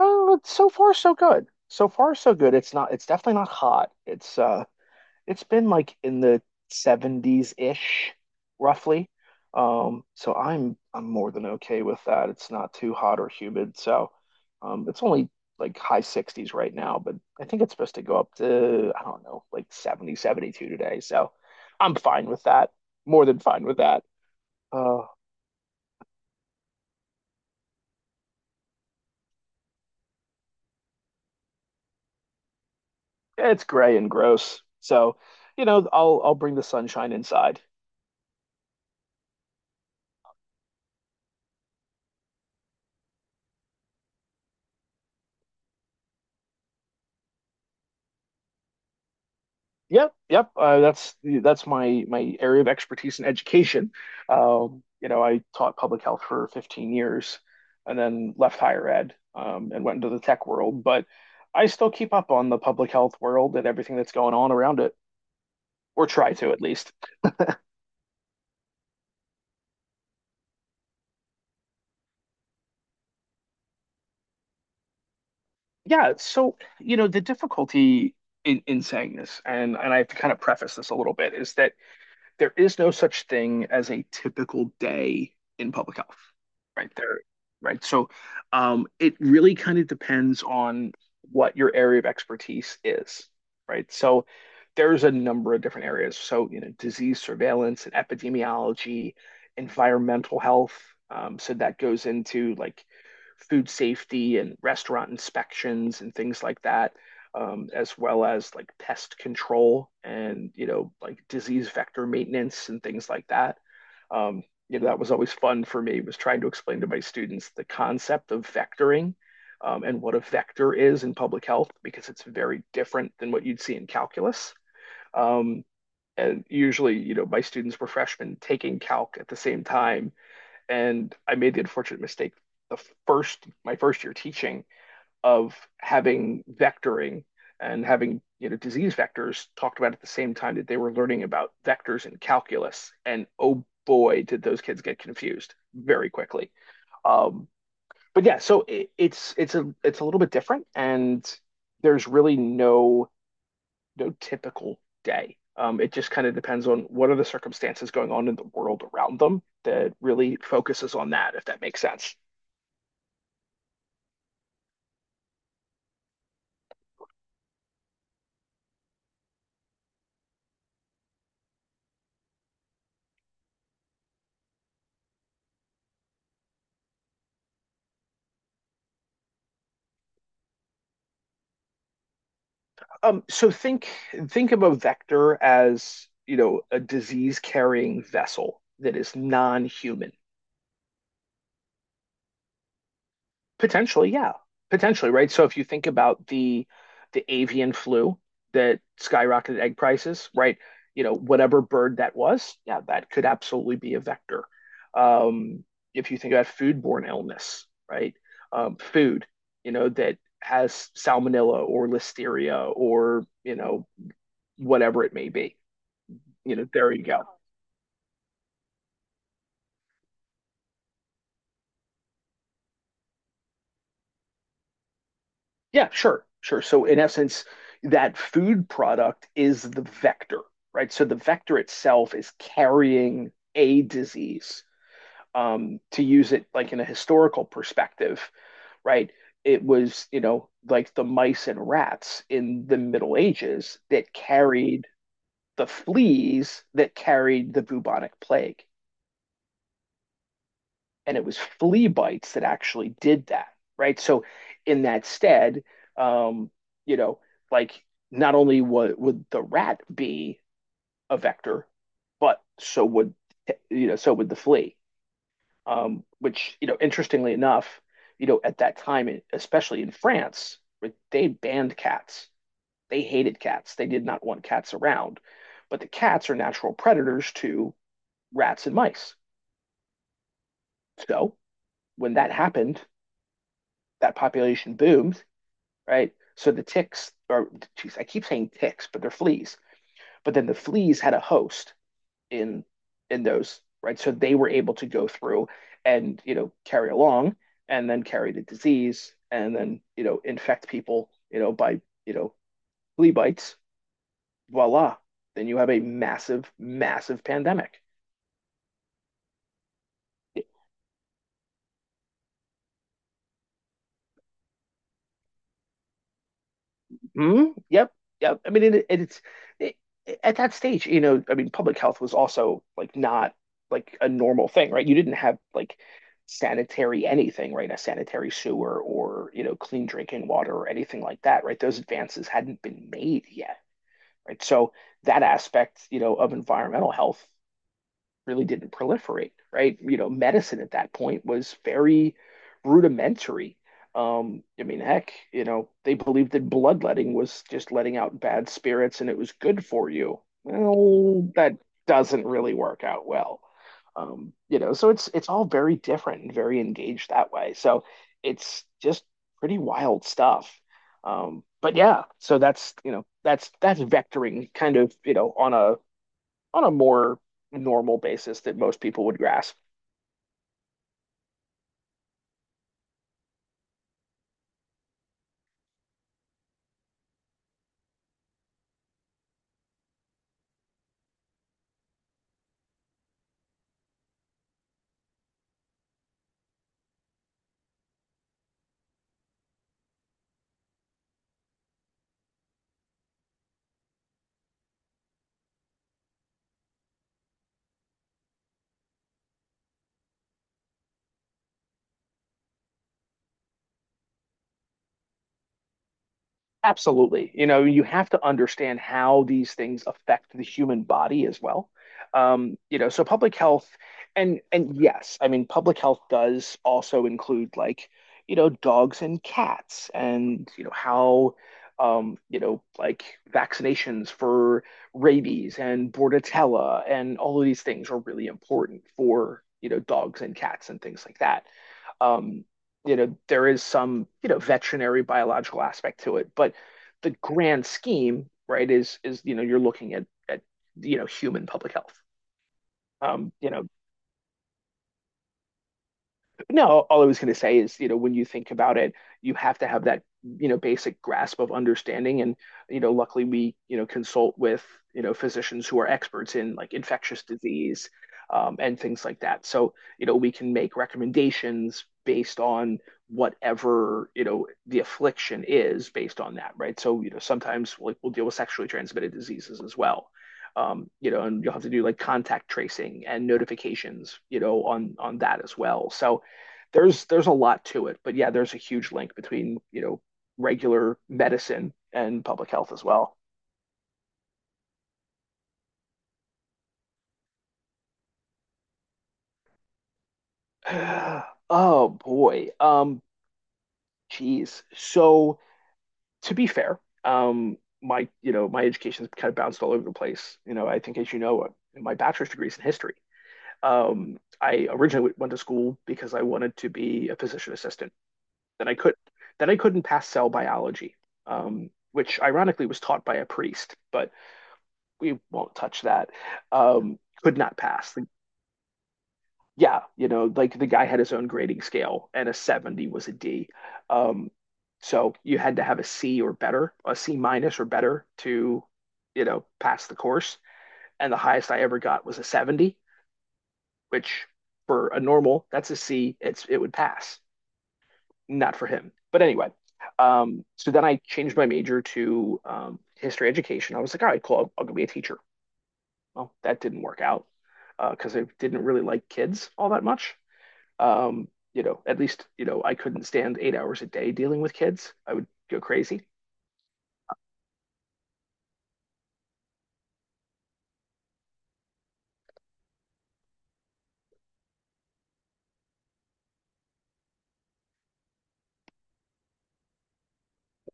Oh, so far so good. So far so good. It's definitely not hot. It's it's been like in the 70s-ish roughly. So I'm more than okay with that. It's not too hot or humid. So it's only like high 60s right now, but I think it's supposed to go up to I don't know, like 70, 72 today. So I'm fine with that. More than fine with that. Uh, it's gray and gross. So, I'll bring the sunshine inside. Yep, yep. That's my area of expertise in education. I taught public health for 15 years, and then left higher ed and went into the tech world. But I still keep up on the public health world and everything that's going on around it, or try to at least. Yeah. So the difficulty in saying this, and I have to kind of preface this a little bit, is that there is no such thing as a typical day in public health, right there, right? So it really kind of depends on what your area of expertise is, right? So there's a number of different areas. So, disease surveillance and epidemiology, environmental health. So that goes into like food safety and restaurant inspections and things like that as well as like pest control and like disease vector maintenance and things like that. Um, that was always fun for me was trying to explain to my students the concept of vectoring, and what a vector is in public health because it's very different than what you'd see in calculus. Um, and usually, my students were freshmen taking calc at the same time, and I made the unfortunate mistake the first my first year teaching of having vectoring and having disease vectors talked about at the same time that they were learning about vectors in calculus, and oh boy did those kids get confused very quickly. um, but yeah, so it's a little bit different, and there's really no no typical day. It just kind of depends on what are the circumstances going on in the world around them that really focuses on that, if that makes sense. Um, so think think of a vector as, a disease-carrying vessel that is non-human. Potentially, yeah. Potentially, right? So if you think about the avian flu that skyrocketed egg prices, right? You know, whatever bird that was, yeah, that could absolutely be a vector. Um, if you think about foodborne illness, right? Food, that has salmonella or listeria or, whatever it may be. You know, there you go. Yeah, sure, sure. So in essence, that food product is the vector, right? So the vector itself is carrying a disease. To use it like in a historical perspective, right? It was, like the mice and rats in the Middle Ages that carried the fleas that carried the bubonic plague. And it was flea bites that actually did that, right? So in that stead, um, you know, like not only would the rat be a vector, but so would so would the flea. Which, interestingly enough, at that time, especially in France, right, they banned cats. They hated cats. They did not want cats around. But the cats are natural predators to rats and mice. So when that happened, that population boomed, right? So the ticks, or geez, I keep saying ticks, but they're fleas. But then the fleas had a host in in those, right? So they were able to go through and carry along, and then carry the disease, and then infect people, by flea bites. Voila! Then you have a massive, massive pandemic. Mm, yep, yep. I mean, it, at that stage, I mean, public health was also like not like a normal thing, right? You didn't have like sanitary anything, right? A sanitary sewer or, clean drinking water or anything like that, right? Those advances hadn't been made yet, right? So that aspect, of environmental health really didn't proliferate, right? You know, medicine at that point was very rudimentary. I mean, heck, they believed that bloodletting was just letting out bad spirits and it was good for you. Well, that doesn't really work out well. So it's all very different and very engaged that way. So it's just pretty wild stuff. But yeah, so that's, that's vectoring kind of, on a more normal basis that most people would grasp. Absolutely. You know, you have to understand how these things affect the human body as well. So public health and yes, I mean public health does also include like, dogs and cats and how like vaccinations for rabies and bordetella and all of these things are really important for, dogs and cats and things like that. um, there is some, veterinary biological aspect to it, but the grand scheme, right, is you know you're looking at you know human public health. Um, you know, No, all I was going to say is, when you think about it, you have to have that, basic grasp of understanding. And, luckily we, consult with, physicians who are experts in like infectious disease, and things like that. So, we can make recommendations based on whatever, the affliction is based on that, right? So, sometimes like we'll deal with sexually transmitted diseases as well. And you'll have to do like contact tracing and notifications, on that as well. So, there's a lot to it, but yeah, there's a huge link between, regular medicine and public health as well. Oh boy. Geez. So to be fair, my my education's kind of bounced all over the place. You know, I think as you know, my bachelor's degree is in history. I originally went to school because I wanted to be a physician assistant. Then I could then I couldn't pass cell biology, which ironically was taught by a priest, but we won't touch that. Could not pass. Like, yeah, like the guy had his own grading scale, and a 70 was a D. Um, so you had to have a C or better, a C minus or better to, pass the course. And the highest I ever got was a 70, which for a normal, that's a C. It would pass, not for him. But anyway, so then I changed my major to history education. I was like, all right, cool, I'll go be a teacher. Well, that didn't work out because I didn't really like kids all that much. You know, at least, I couldn't stand 8 hours a day dealing with kids. I would go crazy.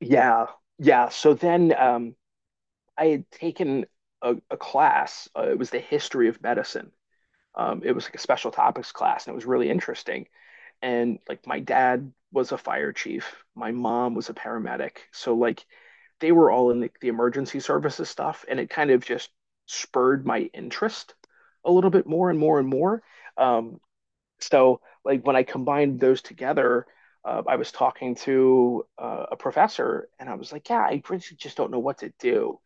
Yeah. Yeah. So then I had taken a class. It was the history of medicine. It was like a special topics class, and it was really interesting. And like my dad was a fire chief, my mom was a paramedic. So like they were all in the emergency services stuff, and it kind of just spurred my interest a little bit more and more and more. Um, so, like when I combined those together, I was talking to a professor, and I was like, "Yeah, I really just don't know what to do."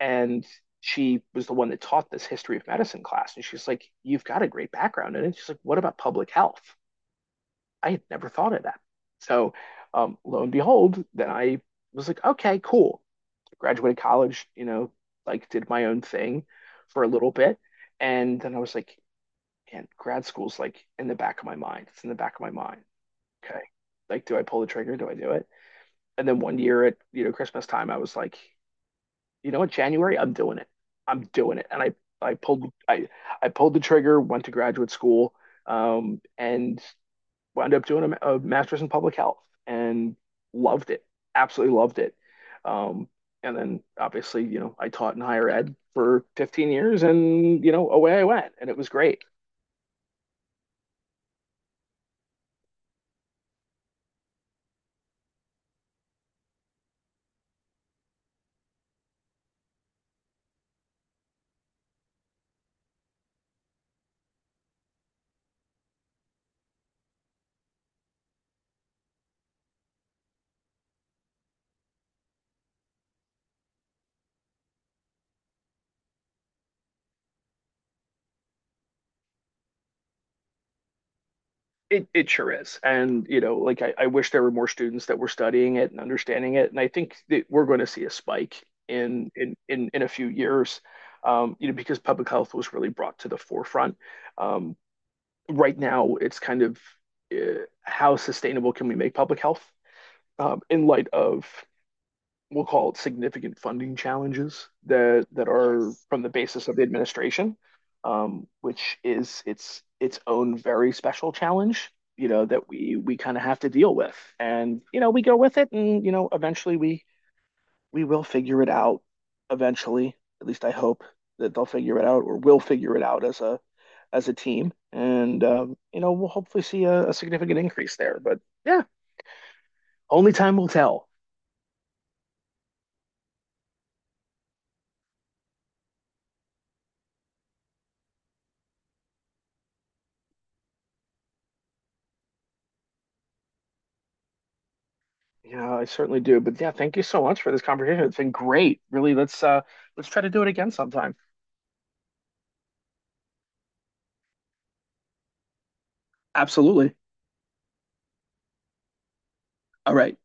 And she was the one that taught this history of medicine class, and she's like, "You've got a great background in it." She's like, "What about public health?" I had never thought of that. So, lo and behold, then I was like, "Okay, cool." Graduated college, like did my own thing for a little bit. And then I was like, man, grad school's like in the back of my mind. It's in the back of my mind. Okay. Like, do I pull the trigger? Do I do it? And then one year at, Christmas time, I was like, you know what, January, I'm doing it. I'm doing it. And I pulled I I pulled the trigger, went to graduate school, and wound up doing a master's in public health and loved it, absolutely loved it. Um, and then obviously, I taught in higher ed for 15 years and, away I went and it was great. It sure is. And, like I wish there were more students that were studying it and understanding it. And I think that we're going to see a spike in a few years, because public health was really brought to the forefront. Um, right now, it's kind of uh, how sustainable can we make public health? In light of we'll call it significant funding challenges that are from the basis of the administration, which is its own very special challenge. You know that we kind of have to deal with, and you know we go with it, and you know eventually we will figure it out. Eventually, at least I hope that they'll figure it out, or we'll figure it out as a team, and you know we'll hopefully see a significant increase there. But yeah, only time will tell. Yeah, I certainly do. But yeah, thank you so much for this conversation. It's been great. Really, let's let's try to do it again sometime. Absolutely. All right.